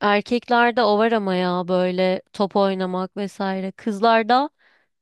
Erkeklerde o var ama ya böyle top oynamak vesaire. Kızlarda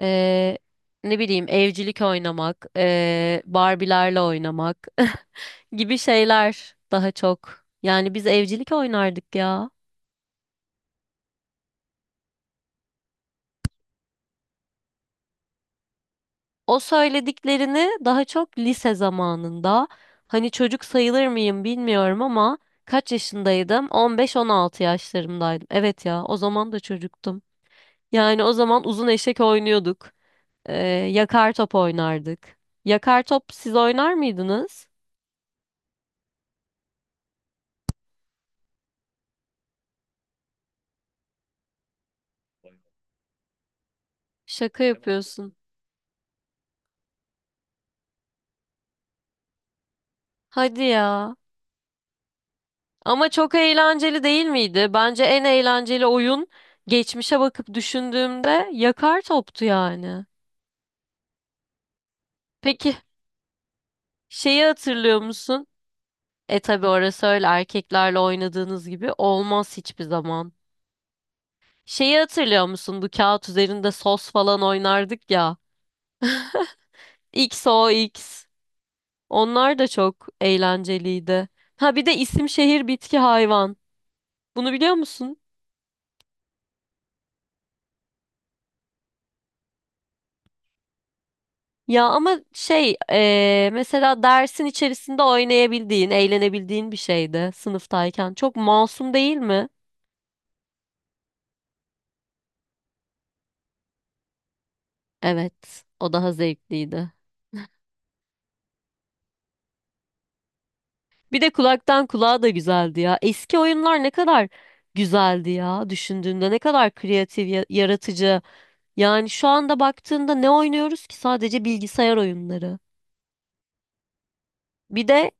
eee, ne bileyim evcilik oynamak, Barbie'lerle oynamak gibi şeyler daha çok. Yani biz evcilik oynardık ya. O söylediklerini daha çok lise zamanında, hani çocuk sayılır mıyım bilmiyorum ama kaç yaşındaydım? 15-16 yaşlarımdaydım. Evet ya o zaman da çocuktum. Yani o zaman uzun eşek oynuyorduk. Ee, yakar top oynardık. Yakar top siz oynar mıydınız? Şaka yapıyorsun. Hadi ya. Ama çok eğlenceli değil miydi? Bence en eğlenceli oyun, geçmişe bakıp düşündüğümde, yakar toptu yani. Peki, şeyi hatırlıyor musun? E tabii orası öyle erkeklerle oynadığınız gibi olmaz hiçbir zaman. Şeyi hatırlıyor musun? Bu kağıt üzerinde sos falan oynardık ya. X o X. Onlar da çok eğlenceliydi. Ha bir de isim şehir bitki hayvan. Bunu biliyor musun? Ya ama şey mesela dersin içerisinde oynayabildiğin, eğlenebildiğin bir şeydi sınıftayken. Çok masum değil mi? Evet, o daha zevkliydi. Bir de kulaktan kulağa da güzeldi ya. Eski oyunlar ne kadar güzeldi ya. Düşündüğünde ne kadar kreatif, yaratıcı. Yani şu anda baktığında ne oynuyoruz ki? Sadece bilgisayar oyunları. Bir de,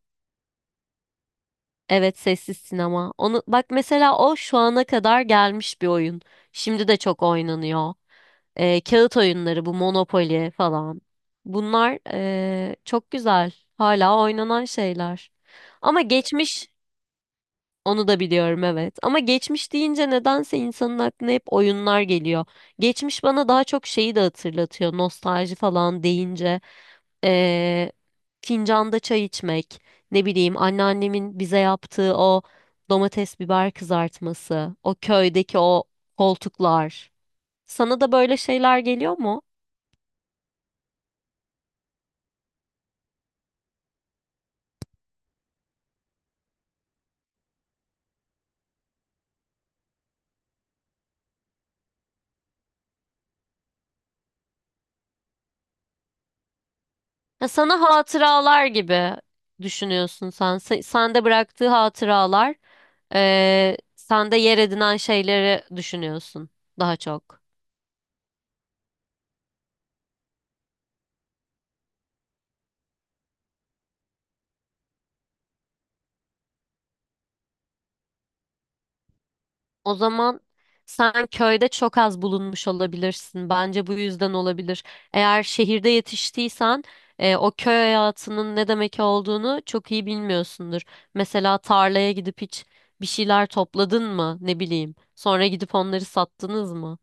evet sessiz sinema. Onu bak mesela, o şu ana kadar gelmiş bir oyun. Şimdi de çok oynanıyor. Kağıt oyunları bu Monopoly falan. Bunlar çok güzel. Hala oynanan şeyler. Ama geçmiş, onu da biliyorum evet. Ama geçmiş deyince nedense insanın aklına hep oyunlar geliyor. Geçmiş bana daha çok şeyi de hatırlatıyor. Nostalji falan deyince. Ee, fincanda çay içmek. Ne bileyim anneannemin bize yaptığı o domates biber kızartması. O köydeki o koltuklar. Sana da böyle şeyler geliyor mu? Ya sana hatıralar gibi düşünüyorsun sen. Sende bıraktığı hatıralar, sende yer edinen şeyleri düşünüyorsun daha çok. O zaman sen köyde çok az bulunmuş olabilirsin. Bence bu yüzden olabilir. Eğer şehirde yetiştiysen, o köy hayatının ne demek olduğunu çok iyi bilmiyorsundur. Mesela tarlaya gidip hiç bir şeyler topladın mı? Ne bileyim. Sonra gidip onları sattınız mı?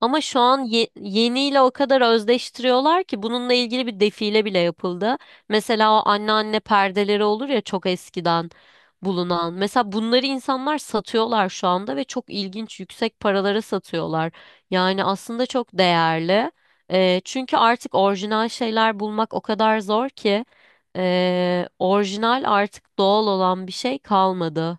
Ama şu an yeniyle o kadar özdeştiriyorlar ki bununla ilgili bir defile bile yapıldı. Mesela o anneanne perdeleri olur ya, çok eskiden bulunan. Mesela bunları insanlar satıyorlar şu anda ve çok ilginç, yüksek paralara satıyorlar. Yani aslında çok değerli. Çünkü artık orijinal şeyler bulmak o kadar zor ki, orijinal, artık doğal olan bir şey kalmadı.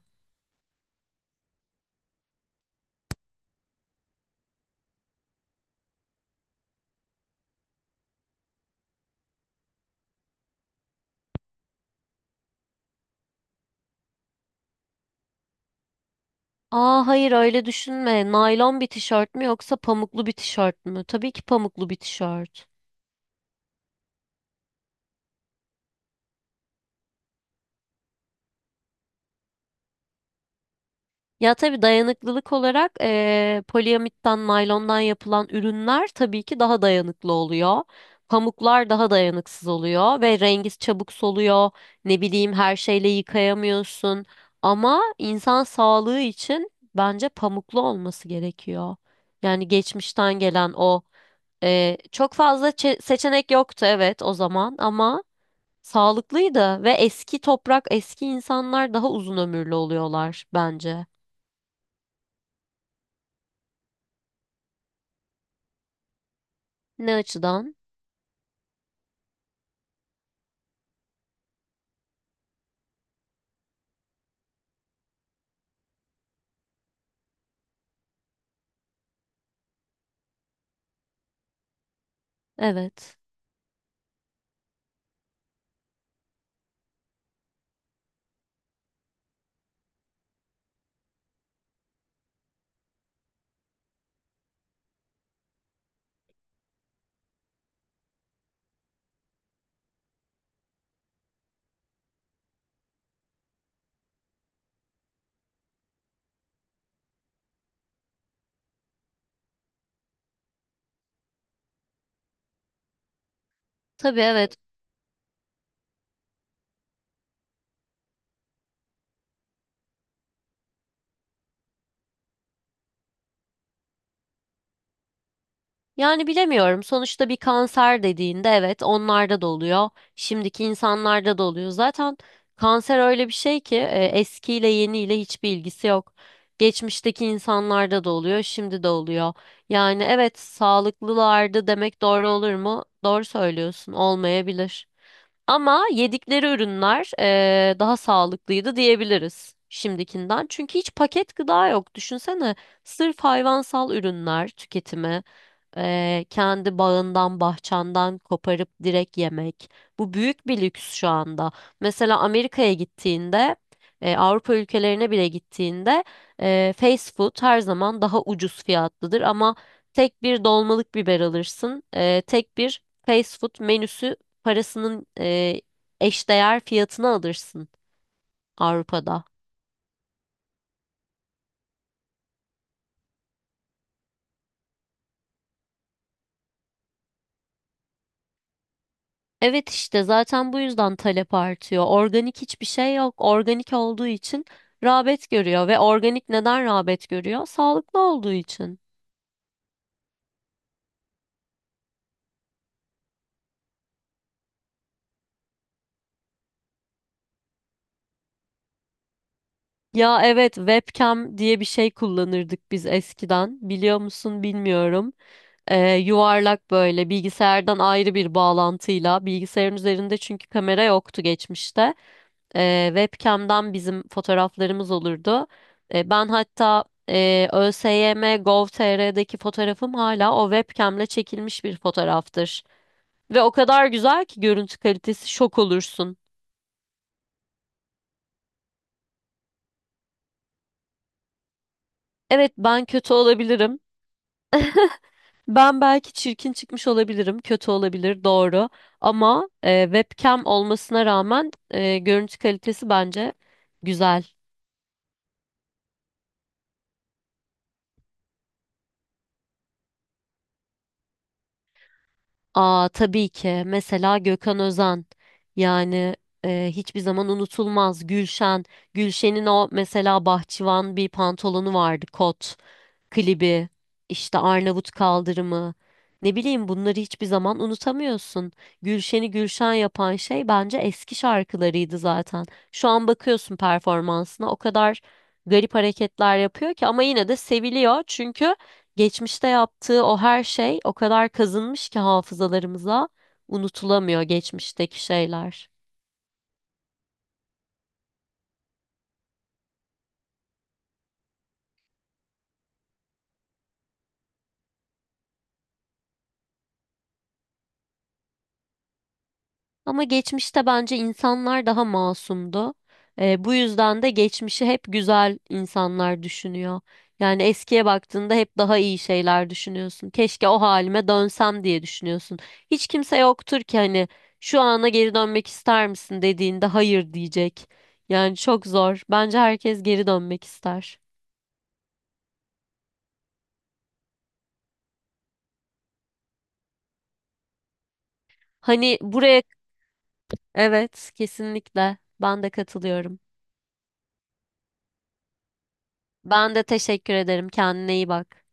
Aa hayır, öyle düşünme. Naylon bir tişört mü yoksa pamuklu bir tişört mü? Tabii ki pamuklu bir tişört. Ya tabii dayanıklılık olarak poliamitten, naylondan yapılan ürünler tabii ki daha dayanıklı oluyor. Pamuklar daha dayanıksız oluyor ve rengi çabuk soluyor. Ne bileyim, her şeyle yıkayamıyorsun. Ama insan sağlığı için bence pamuklu olması gerekiyor. Yani geçmişten gelen o, çok fazla seçenek yoktu, evet, o zaman ama sağlıklıydı ve eski toprak, eski insanlar daha uzun ömürlü oluyorlar bence. Ne açıdan? Evet. Tabii, evet. Yani bilemiyorum. Sonuçta bir kanser dediğinde, evet, onlarda da oluyor. Şimdiki insanlarda da oluyor. Zaten kanser öyle bir şey ki, eskiyle yeniyle hiçbir ilgisi yok. Geçmişteki insanlarda da oluyor, şimdi de oluyor. Yani evet sağlıklılardı demek doğru olur mu? Doğru söylüyorsun. Olmayabilir. Ama yedikleri ürünler, daha sağlıklıydı diyebiliriz şimdikinden. Çünkü hiç paket gıda yok. Düşünsene, sırf hayvansal ürünler tüketimi. Kendi bağından, bahçenden koparıp direkt yemek. Bu büyük bir lüks şu anda. Mesela Amerika'ya gittiğinde, Avrupa ülkelerine bile gittiğinde, fast food her zaman daha ucuz fiyatlıdır ama tek bir dolmalık biber alırsın. Tek bir fast food menüsü parasının eşdeğer fiyatına alırsın Avrupa'da. Evet, işte zaten bu yüzden talep artıyor. Organik hiçbir şey yok. Organik olduğu için rağbet görüyor ve organik neden rağbet görüyor? Sağlıklı olduğu için. Ya evet, webcam diye bir şey kullanırdık biz eskiden. Biliyor musun bilmiyorum. Yuvarlak böyle, bilgisayardan ayrı bir bağlantıyla bilgisayarın üzerinde, çünkü kamera yoktu geçmişte. Webcam'dan bizim fotoğraflarımız olurdu. Ben hatta ÖSYM fotoğrafım hala o webcam'le çekilmiş bir fotoğraftır. Ve o kadar güzel ki görüntü kalitesi, şok olursun. Evet, ben kötü olabilirim. Ben belki çirkin çıkmış olabilirim, kötü olabilir, doğru. Ama webcam olmasına rağmen görüntü kalitesi bence güzel. Aa tabii ki. Mesela Gökhan Özen. Yani hiçbir zaman unutulmaz. Gülşen. Gülşen'in o mesela bahçıvan bir pantolonu vardı kot klibi, işte Arnavut kaldırımı, ne bileyim, bunları hiçbir zaman unutamıyorsun. Gülşen'i Gülşen yapan şey bence eski şarkılarıydı zaten. Şu an bakıyorsun performansına, o kadar garip hareketler yapıyor ki, ama yine de seviliyor çünkü geçmişte yaptığı o her şey o kadar kazınmış ki hafızalarımıza, unutulamıyor geçmişteki şeyler. Ama geçmişte bence insanlar daha masumdu. Bu yüzden de geçmişi hep güzel insanlar düşünüyor. Yani eskiye baktığında hep daha iyi şeyler düşünüyorsun. Keşke o halime dönsem diye düşünüyorsun. Hiç kimse yoktur ki hani şu ana geri dönmek ister misin dediğinde hayır diyecek. Yani çok zor. Bence herkes geri dönmek ister. Hani buraya, evet, kesinlikle ben de katılıyorum. Ben de teşekkür ederim. Kendine iyi bak.